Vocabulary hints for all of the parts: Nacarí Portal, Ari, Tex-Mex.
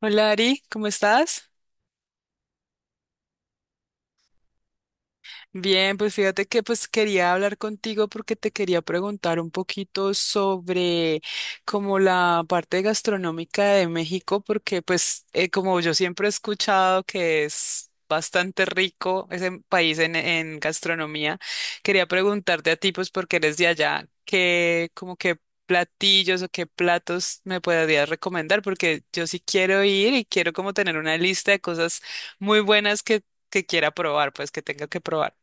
Hola Ari, ¿cómo estás? Bien, pues fíjate que quería hablar contigo porque te quería preguntar un poquito sobre como la parte gastronómica de México, porque pues como yo siempre he escuchado que es bastante rico ese país en gastronomía, quería preguntarte a ti pues porque eres de allá, qué como qué platillos o qué platos me podrías recomendar, porque yo sí quiero ir y quiero como tener una lista de cosas muy buenas que quiera probar, pues que tenga que probar.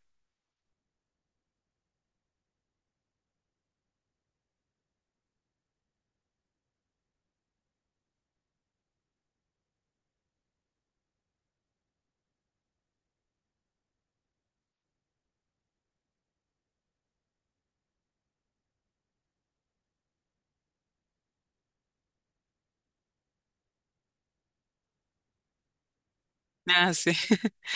Ah, sí.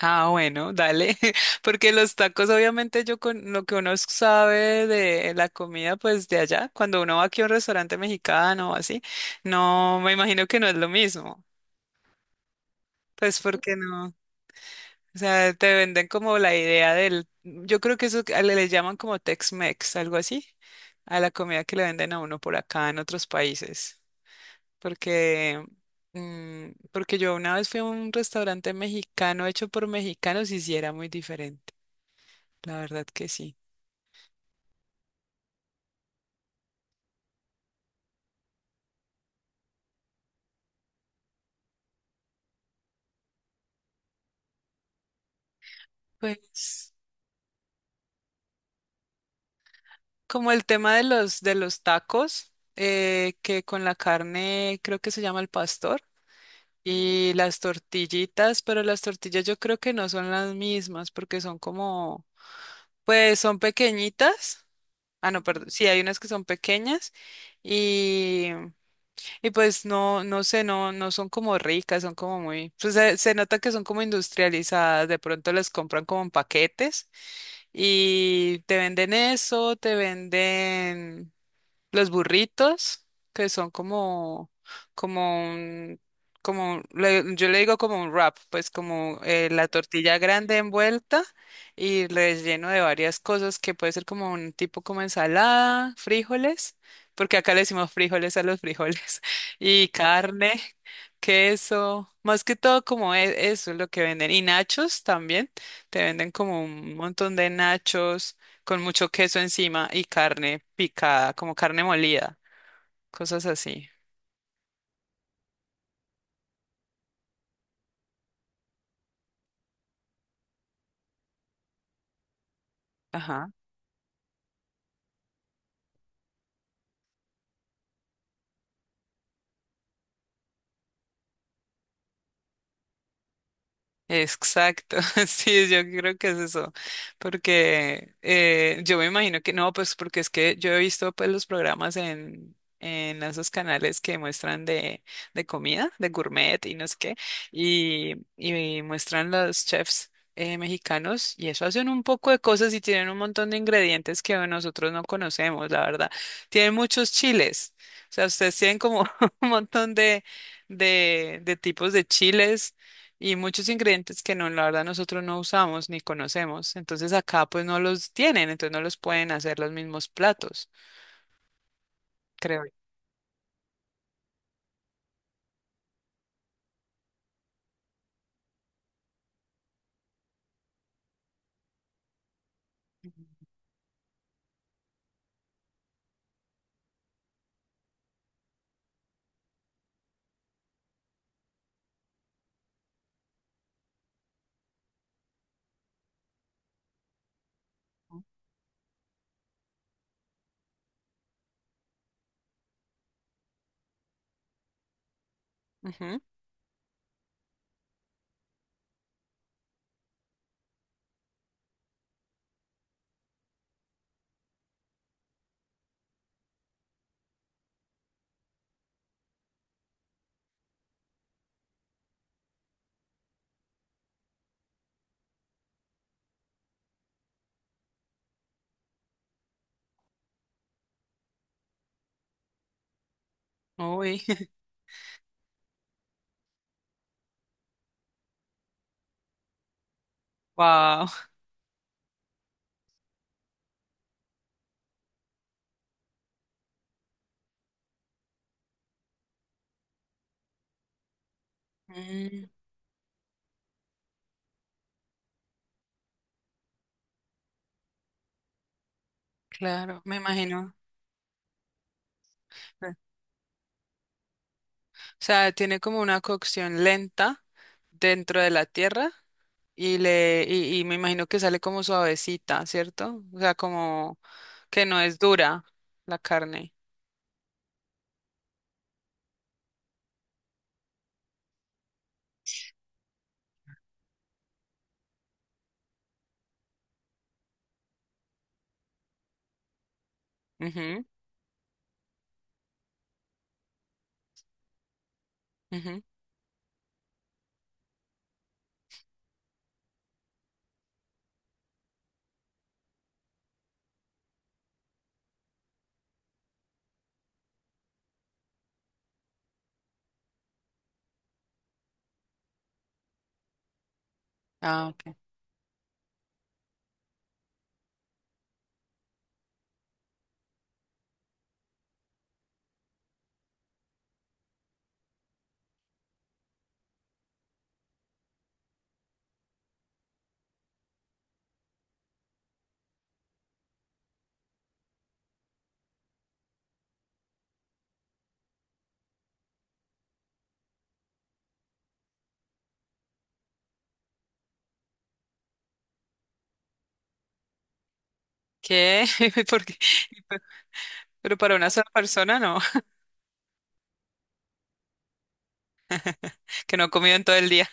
Ah, bueno, dale. Porque los tacos, obviamente, yo con lo que uno sabe de la comida, pues de allá, cuando uno va aquí a un restaurante mexicano o así, no, me imagino que no es lo mismo. Pues porque no. O sea, te venden como la idea del, yo creo que eso que le llaman como Tex-Mex, algo así, a la comida que le venden a uno por acá en otros países. Porque, porque yo una vez fui a un restaurante mexicano hecho por mexicanos y sí era muy diferente, la verdad que sí. Pues como el tema de los tacos, que con la carne creo que se llama el pastor. Y las tortillitas, pero las tortillas yo creo que no son las mismas porque son como, pues son pequeñitas. Ah, no, perdón. Sí, hay unas que son pequeñas. Y pues no, no sé, no son como ricas, son como muy, pues se nota que son como industrializadas, de pronto les compran como en paquetes y te venden eso, te venden los burritos, que son como, como un, como un yo le digo como un wrap, pues como la tortilla grande envuelta y relleno de varias cosas que puede ser como un tipo como ensalada, frijoles, porque acá le decimos frijoles a los frijoles, y carne, queso, más que todo como eso es lo que venden. Y nachos también, te venden como un montón de nachos con mucho queso encima y carne picada, como carne molida, cosas así. Ajá. Exacto, sí, yo creo que es eso, porque yo me imagino que no, pues porque es que yo he visto pues los programas en esos canales que muestran de comida, de gourmet y no sé qué, y muestran los chefs mexicanos y eso hacen un poco de cosas y tienen un montón de ingredientes que nosotros no conocemos, la verdad. Tienen muchos chiles, o sea, ustedes tienen como un montón de tipos de chiles y muchos ingredientes que no, la verdad, nosotros no usamos ni conocemos. Entonces acá pues no los tienen, entonces no los pueden hacer los mismos platos, creo yo. Ujú. Uy, wow. Mm, claro, me imagino. O sea, tiene como una cocción lenta dentro de la tierra y y me imagino que sale como suavecita, ¿cierto? O sea, como que no es dura la carne. Ujú, ujú. Ah, ok. ¿Qué? Porque pero para una sola persona, no. Que no comido en todo el día.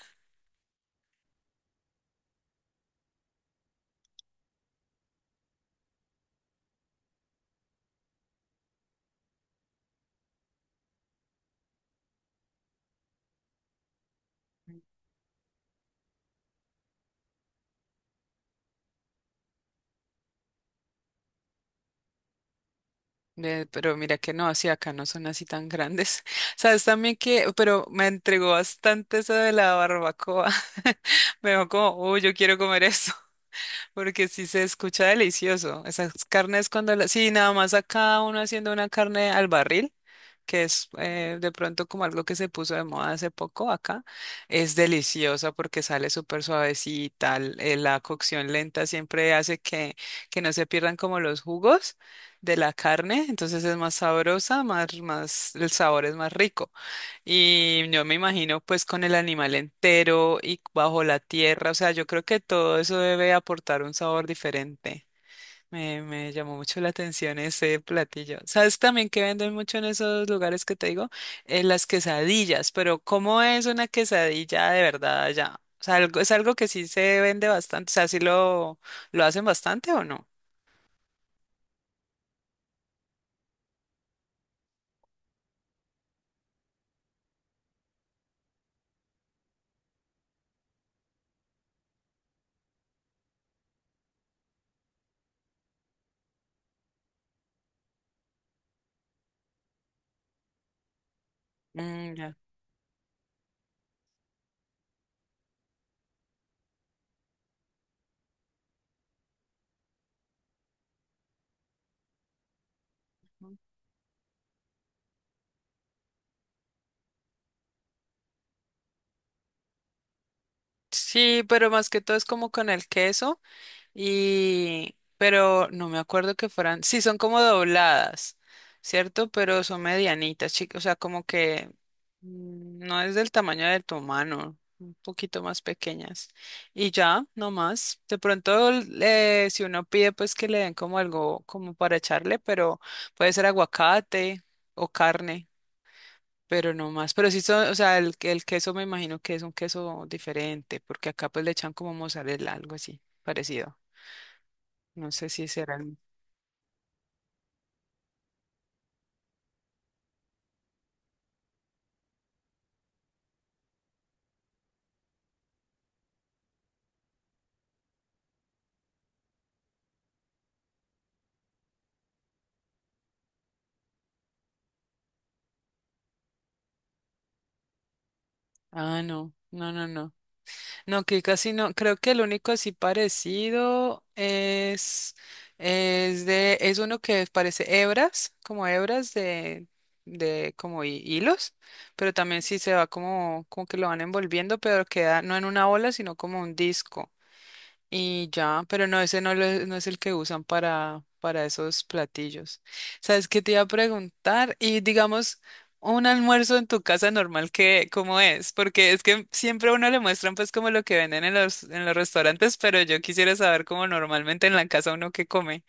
Pero mira que no, sí, acá no son así tan grandes. Sabes también que, pero me entregó bastante eso de la barbacoa. Me dijo como, uy, yo quiero comer eso. Porque sí se escucha delicioso. Esas carnes cuando las... Sí, nada más acá uno haciendo una carne al barril, que es de pronto como algo que se puso de moda hace poco acá, es deliciosa porque sale súper suavecita. La cocción lenta siempre hace que no se pierdan como los jugos de la carne, entonces es más sabrosa, más, más, el sabor es más rico. Y yo me imagino pues con el animal entero y bajo la tierra, o sea, yo creo que todo eso debe aportar un sabor diferente. Me llamó mucho la atención ese platillo. ¿Sabes también que venden mucho en esos lugares que te digo? Las quesadillas, pero ¿cómo es una quesadilla de verdad allá? O sea, algo, es algo que sí se vende bastante, o sea, lo hacen bastante o no? Mm, ya. Sí, pero más que todo es como con el queso. Y, pero no me acuerdo que fueran, sí, son como dobladas, ¿cierto? Pero son medianitas, chicas, o sea, como que no es del tamaño de tu mano, un poquito más pequeñas. Y ya, no más. De pronto, si uno pide, pues que le den como algo como para echarle, pero puede ser aguacate o carne. Pero no más, pero sí son, o sea, el queso me imagino que es un queso diferente, porque acá pues le echan como mozzarella, algo así, parecido. No sé si serán. Ah, no, no, no, no. No, que casi no. Creo que el único así parecido es de, es uno que parece hebras, como hebras de, de como hilos, pero también sí se va como, como que lo van envolviendo, pero queda no en una bola sino como un disco. Y ya, pero no, ese no es el que usan para esos platillos. ¿Sabes qué te iba a preguntar? Y digamos, un almuerzo en tu casa normal, ¿qué, cómo es? Porque es que siempre a uno le muestran pues como lo que venden en los restaurantes, pero yo quisiera saber cómo normalmente en la casa uno qué come.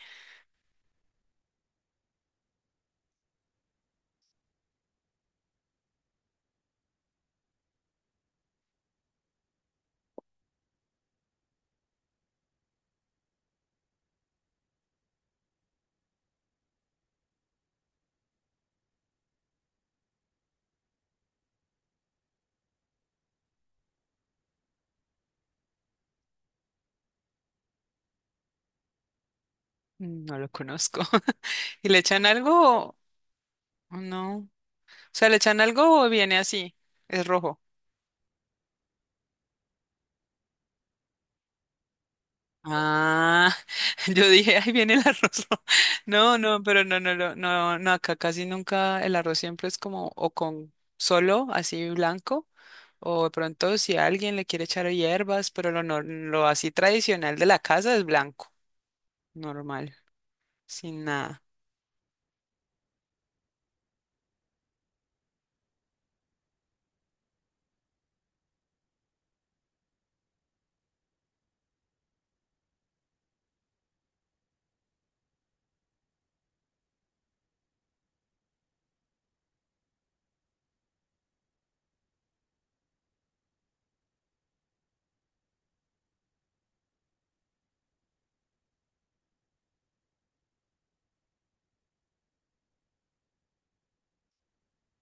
Mm, no lo conozco. ¿Y le echan algo o o no? O sea, ¿le echan algo o viene así? Es rojo. Ah, yo dije, ahí viene el arroz. No, no, pero no, no, acá casi nunca el arroz siempre es como o con solo así blanco o de pronto si alguien le quiere echar hierbas, pero lo, nor- lo así tradicional de la casa es blanco, normal, sin nada.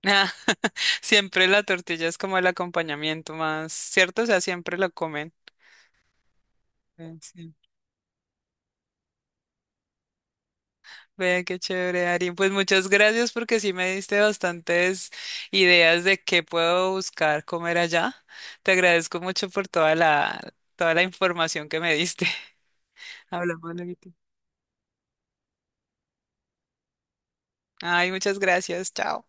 Ah, siempre la tortilla es como el acompañamiento más, ¿cierto? O sea, siempre lo comen. Sí. Sí. Vea qué chévere, Ari. Pues muchas gracias porque sí me diste bastantes ideas de qué puedo buscar comer allá. Te agradezco mucho por toda la información que me diste. Hablamos luego. Ay, muchas gracias. Chao.